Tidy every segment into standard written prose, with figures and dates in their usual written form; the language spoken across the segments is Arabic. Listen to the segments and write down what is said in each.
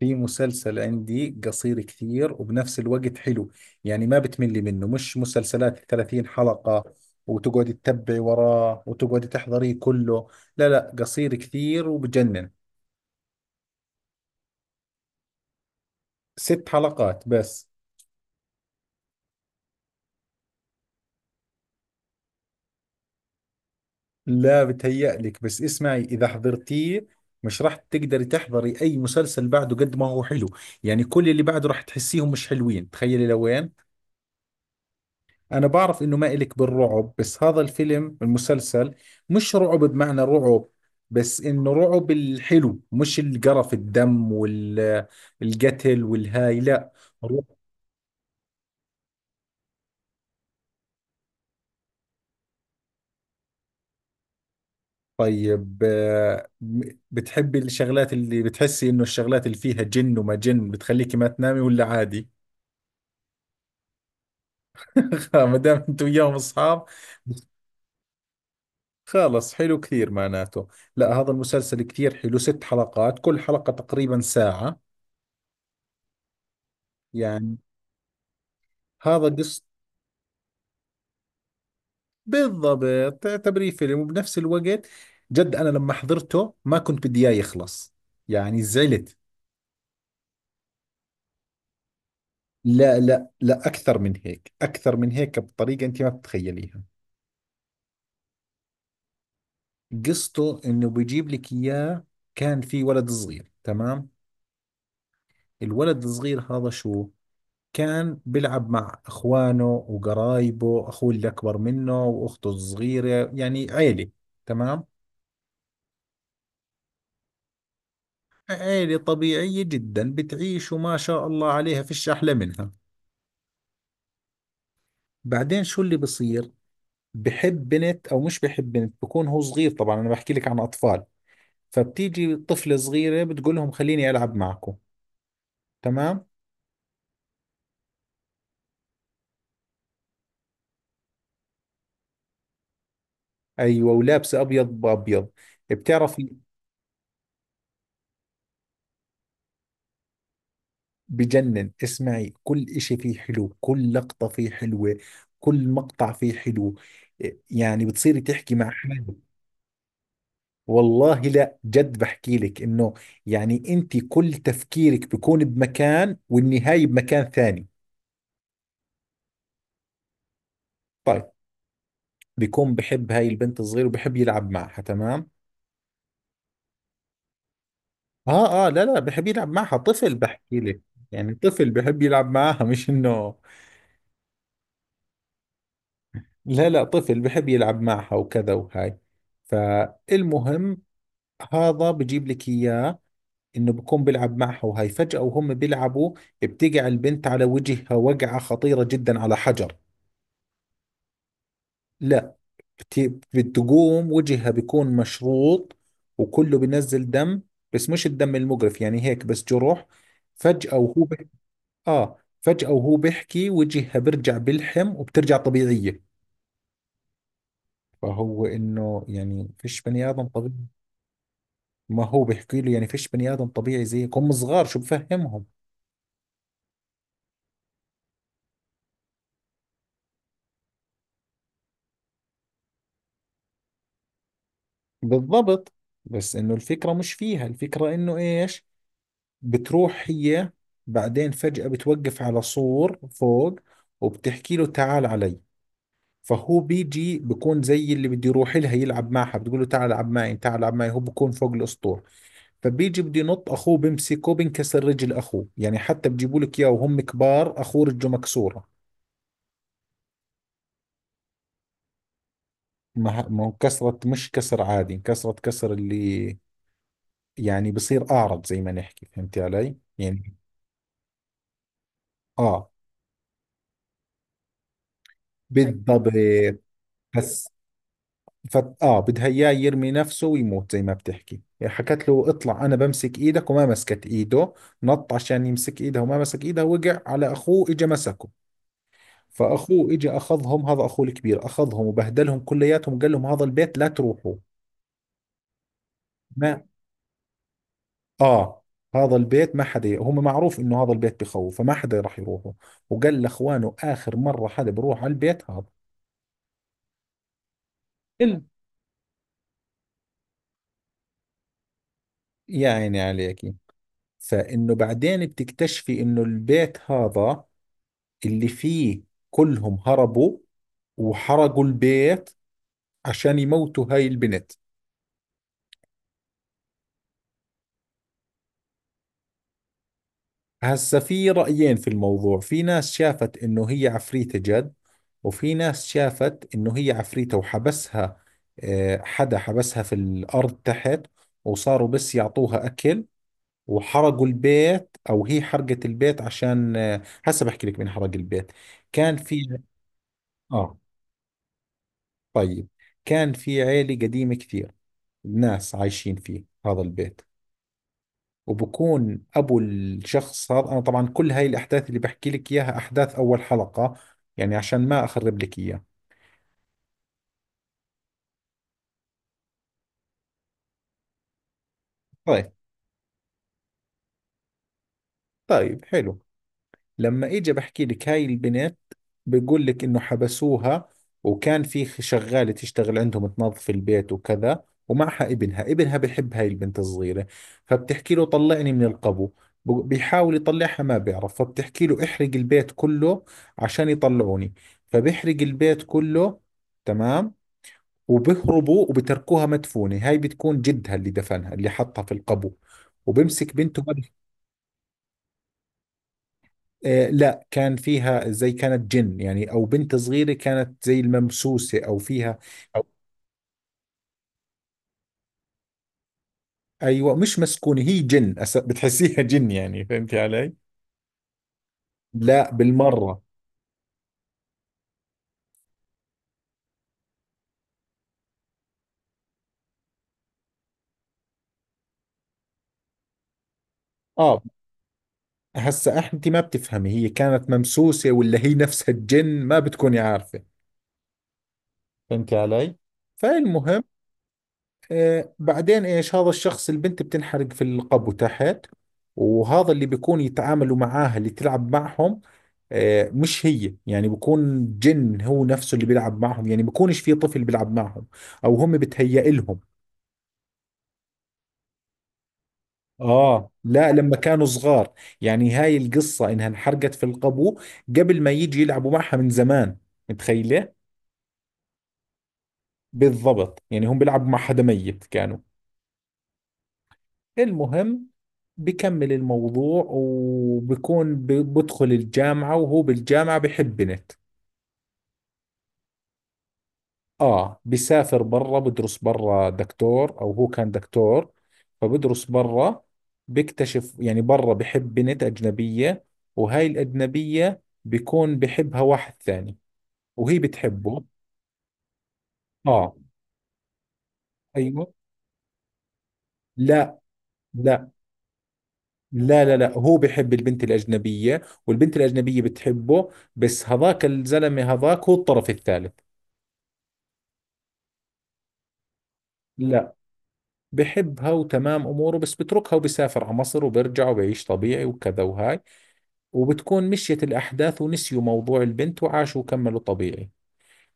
في مسلسل عندي قصير كثير وبنفس الوقت حلو، يعني ما بتملي منه. مش مسلسلات 30 حلقة وتقعدي تتبعي وراه وتقعدي تحضريه كله. لا، قصير كثير وبجنن. ست حلقات بس. لا بتهيألك، بس اسمعي إذا حضرتيه مش راح تقدري تحضري أي مسلسل بعده قد ما هو حلو. يعني كل اللي بعده راح تحسيهم مش حلوين، تخيلي لوين. أنا بعرف إنه ما إلك بالرعب، بس هذا الفيلم المسلسل مش رعب بمعنى رعب، بس إنه رعب الحلو، مش القرف الدم والقتل والهاي، لا. رعب. طيب آه، بتحبي الشغلات اللي بتحسي إنه الشغلات اللي فيها جن وما جن بتخليكي ما تنامي، ولا عادي؟ ما دام أنت وياهم أصحاب، خلص حلو كثير معناته. لا هذا المسلسل كثير حلو، ست حلقات كل حلقة تقريبا ساعة يعني. هذا قصة. بالضبط، تعتبريه فيلم وبنفس الوقت جد. أنا لما حضرته ما كنت بدي إياه يخلص، يعني زعلت. لا، أكثر من هيك، أكثر من هيك بطريقة أنت ما بتتخيليها. قصته إنه بيجيب لك إياه، كان في ولد صغير، تمام؟ الولد الصغير هذا شو، كان بيلعب مع إخوانه وقرايبه، أخوه اللي أكبر منه وأخته الصغيرة، يعني عيلة، تمام؟ عيلة طبيعية جدا بتعيش وما شاء الله عليها فيش أحلى منها. بعدين شو اللي بصير، بحب بنت او مش بحب بنت، بكون هو صغير طبعا، انا بحكي لك عن اطفال. فبتيجي طفلة صغيرة بتقول لهم خليني العب معكم، تمام؟ ايوه، ولابسة ابيض بابيض، بتعرفي. بجنن، اسمعي كل اشي فيه حلو، كل لقطة فيه حلوة، كل مقطع فيه حلو، يعني بتصيري تحكي مع حالك. والله لا جد بحكي لك انه يعني انت كل تفكيرك بكون بمكان والنهاية بمكان ثاني. طيب، بيكون بحب هاي البنت الصغيرة وبحب يلعب معها، تمام؟ اه، لا بحب يلعب معها طفل، بحكي لك. يعني طفل بحب يلعب معها، مش انه. لا طفل بحب يلعب معها وكذا وهاي. فالمهم، هذا بجيب لك اياه، انه بكون بيلعب معها وهاي، فجأة وهم بيلعبوا بتقع البنت على وجهها وقعة خطيرة جدا على حجر. لا، كتير بتقوم وجهها بيكون مشروط وكله بينزل دم، بس مش الدم المجرف، يعني هيك بس جروح. فجأة وهو بح... اه، فجأة وهو بيحكي وجهها بيرجع بيلحم وبترجع طبيعية. فهو انه يعني فيش بني ادم طبيعي. ما هو بيحكي له يعني فيش بني ادم طبيعي زيك، هم صغار شو بفهمهم. بالضبط، بس انه الفكرة مش فيها، الفكرة انه ايش، بتروح هي بعدين فجأة بتوقف على سور فوق وبتحكي له تعال علي. فهو بيجي، بكون زي اللي بده يروح لها يلعب معها، بتقول له تعال العب معي تعال العب معي. هو بكون فوق الاسطول، فبيجي بده ينط، اخوه بمسكه، بنكسر رجل اخوه. يعني حتى بجيبوا لك اياه وهم كبار، اخوه رجله مكسوره. ما هو كسرت، مش كسر عادي، كسرت كسر اللي يعني بصير اعرج زي ما نحكي، فهمتي علي يعني. اه أيوة. بالضبط. بس ف... اه بدها اياه يرمي نفسه ويموت. زي ما بتحكي، حكت له اطلع انا بمسك ايدك، وما مسكت ايده. نط عشان يمسك ايدها وما مسك ايدها، وقع على اخوه، اجى مسكه. فاخوه اجى اخذهم، هذا اخوه الكبير، اخذهم وبهدلهم كلياتهم وقال لهم هذا البيت لا تروحوا. ما، اه، هذا البيت ما حدا هم، معروف انه هذا البيت بخوف، فما حدا راح يروحوا. وقال لاخوانه اخر مره حدا بروح على البيت هذا. إلا- يا عيني عليكي. فانه بعدين بتكتشفي انه البيت هذا اللي فيه، كلهم هربوا وحرقوا البيت عشان يموتوا هاي البنت. هسا في رأيين في الموضوع، في ناس شافت انه هي عفريتة جد، وفي ناس شافت انه هي عفريتة وحبسها. آه، حدا حبسها في الأرض تحت، وصاروا بس يعطوها أكل، وحرقوا البيت أو هي حرقت البيت عشان، آه، هسا بحكي لك مين حرق البيت. كان في. آه، طيب، كان في عيلة قديمة كثير، ناس عايشين فيه هذا البيت، وبكون ابو الشخص هذا. انا طبعا كل هاي الاحداث اللي بحكي لك اياها احداث اول حلقة، يعني عشان ما اخرب لك اياها. طيب، طيب حلو. لما اجي بحكي لك هاي البنت، بقول لك انه حبسوها، وكان في شغالة تشتغل عندهم تنظف البيت وكذا، ومعها ابنها. ابنها بحب هاي البنت الصغيرة، فبتحكي له طلعني من القبو. بيحاول يطلعها، ما بيعرف. فبتحكي له احرق البيت كله عشان يطلعوني، فبيحرق البيت كله، تمام. وبيهربوا وبتركوها مدفونة. هاي بتكون جدها اللي دفنها، اللي حطها في القبو وبمسك بنته هذه. آه لا، كان فيها زي، كانت جن يعني، أو بنت صغيرة كانت زي الممسوسة، أو فيها، أو، أيوة مش مسكونة، هي جن. بتحسيها جن يعني، فهمتي علي؟ لا بالمرة. آه، هسا أنت ما بتفهمي هي كانت ممسوسة ولا هي نفسها الجن، ما بتكوني عارفة. فهمتي علي؟ فالمهم، آه، بعدين ايش، هذا الشخص، البنت بتنحرق في القبو تحت، وهذا اللي بيكون يتعاملوا معاها اللي تلعب معهم، آه مش هي، يعني بيكون جن هو نفسه اللي بيلعب معهم، يعني بيكونش في طفل بيلعب معهم، او هم بتهيأ لهم. اه لا لما كانوا صغار، يعني هاي القصة انها انحرقت في القبو قبل ما يجي يلعبوا معها من زمان، متخيلة؟ بالضبط، يعني هم بيلعبوا مع حدا ميت كانوا. المهم، بكمل الموضوع، وبكون بدخل الجامعة، وهو بالجامعة بحب بنت. آه، بسافر برا، بدرس برا، دكتور أو هو كان دكتور، فبدرس برا، بكتشف يعني برا بحب بنت أجنبية، وهاي الأجنبية بكون بحبها واحد ثاني، وهي بتحبه. آه، أيوه. لا لا لا لا، هو بحب البنت الأجنبية، والبنت الأجنبية بتحبه، بس هذاك الزلمة هذاك هو الطرف الثالث. لا، بحبها وتمام اموره، بس بتركها وبسافر على مصر وبرجع وبعيش طبيعي وكذا وهاي. وبتكون مشيت الاحداث ونسيوا موضوع البنت وعاشوا وكملوا طبيعي.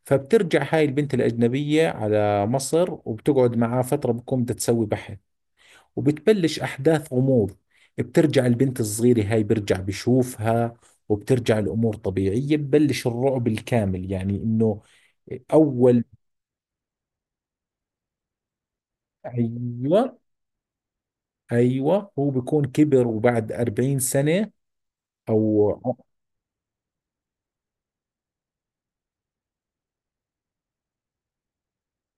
فبترجع هاي البنت الاجنبيه على مصر وبتقعد معاه فتره، بتكون بدها تسوي بحث، وبتبلش احداث غموض، بترجع البنت الصغيره هاي، برجع بشوفها، وبترجع الامور طبيعيه، ببلش الرعب الكامل يعني انه اول. ايوه، ايوه، هو بيكون كبر وبعد 40 سنه، او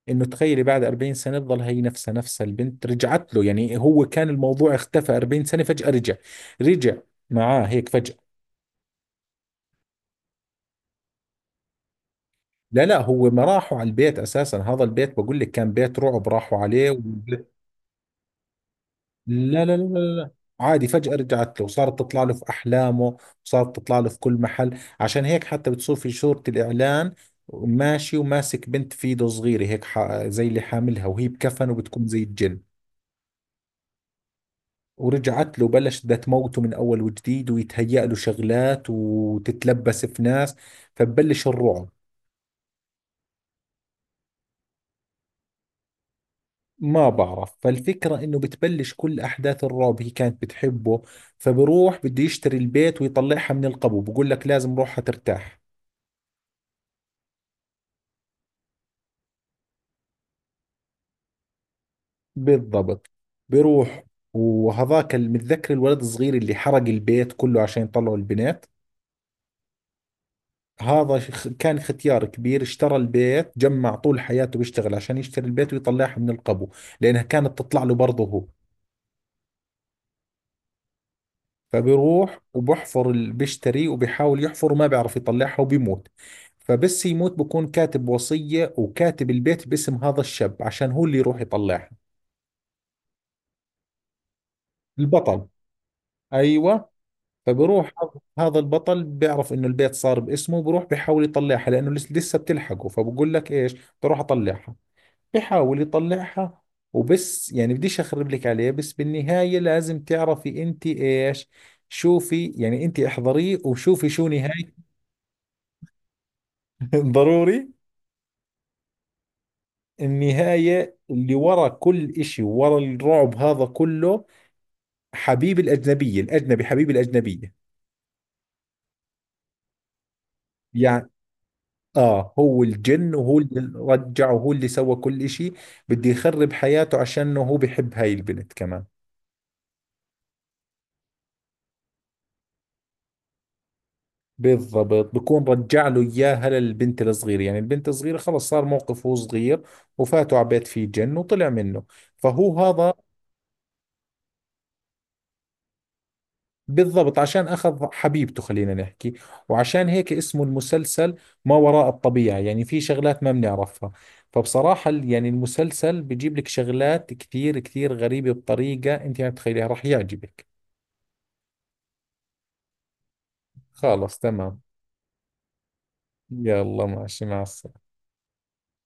انه تخيلي بعد 40 سنه تظل هي نفسها نفسها. البنت رجعت له، يعني هو كان الموضوع اختفى 40 سنه، فجاه رجع، رجع معاه هيك فجاه. لا لا، هو ما راحوا على البيت اساسا، هذا البيت بقول لك كان بيت رعب، راحوا عليه لا، عادي فجاه رجعت له، وصارت تطلع له في احلامه، وصارت تطلع له في كل محل، عشان هيك حتى بتصير في صوره الاعلان ماشي، وماسك بنت في ايده صغيره هيك، زي اللي حاملها وهي بكفن وبتكون زي الجن. ورجعت له بلش بدها تموته من اول وجديد، ويتهيأ له شغلات وتتلبس في ناس، فببلش الرعب. ما بعرف، فالفكرة انه بتبلش كل احداث الرعب. هي كانت بتحبه، فبروح بده يشتري البيت ويطلعها من القبو، بقول لك لازم روحها ترتاح. بالضبط. بروح، وهذاك متذكر الولد الصغير اللي حرق البيت كله عشان يطلعوا البنات، هذا كان ختيار كبير، اشترى البيت، جمع طول حياته بيشتغل عشان يشتري البيت ويطلعها من القبو، لأنها كانت تطلع له برضه هو. فبيروح وبحفر، بيشتري وبيحاول يحفر وما بيعرف يطلعها وبيموت. فبس يموت بكون كاتب وصية وكاتب البيت باسم هذا الشاب عشان هو اللي يروح يطلعها. البطل، أيوة. فبروح هذا، هذا البطل بيعرف انه البيت صار باسمه، وبروح بيحاول يطلعها لانه لسه بتلحقه. فبقول لك ايش، بروح اطلعها، بحاول يطلعها، وبس، يعني بديش اخرب لك عليه، بس بالنهاية لازم تعرفي انت ايش. شوفي يعني، انت احضريه وشوفي شو نهاية. ضروري. النهاية اللي ورا كل اشي، ورا الرعب هذا كله، حبيب الاجنبية، الاجنبي حبيب الاجنبية. يعني اه، هو الجن، وهو اللي رجع، وهو اللي سوى كل اشي. بده يخرب حياته عشان هو بحب هاي البنت كمان. بالضبط، بكون رجع له اياها للبنت الصغيره، يعني البنت الصغيره خلص صار موقف، هو صغير وفاته على بيت فيه جن وطلع منه، فهو هذا. بالضبط، عشان اخذ حبيبته خلينا نحكي. وعشان هيك اسمه المسلسل ما وراء الطبيعه، يعني في شغلات ما بنعرفها. فبصراحه يعني المسلسل بجيب لك شغلات كثير كثير غريبه بطريقه انت ما بتتخيليها، راح يعجبك. خلص تمام. يلا ماشي، مع السلامه.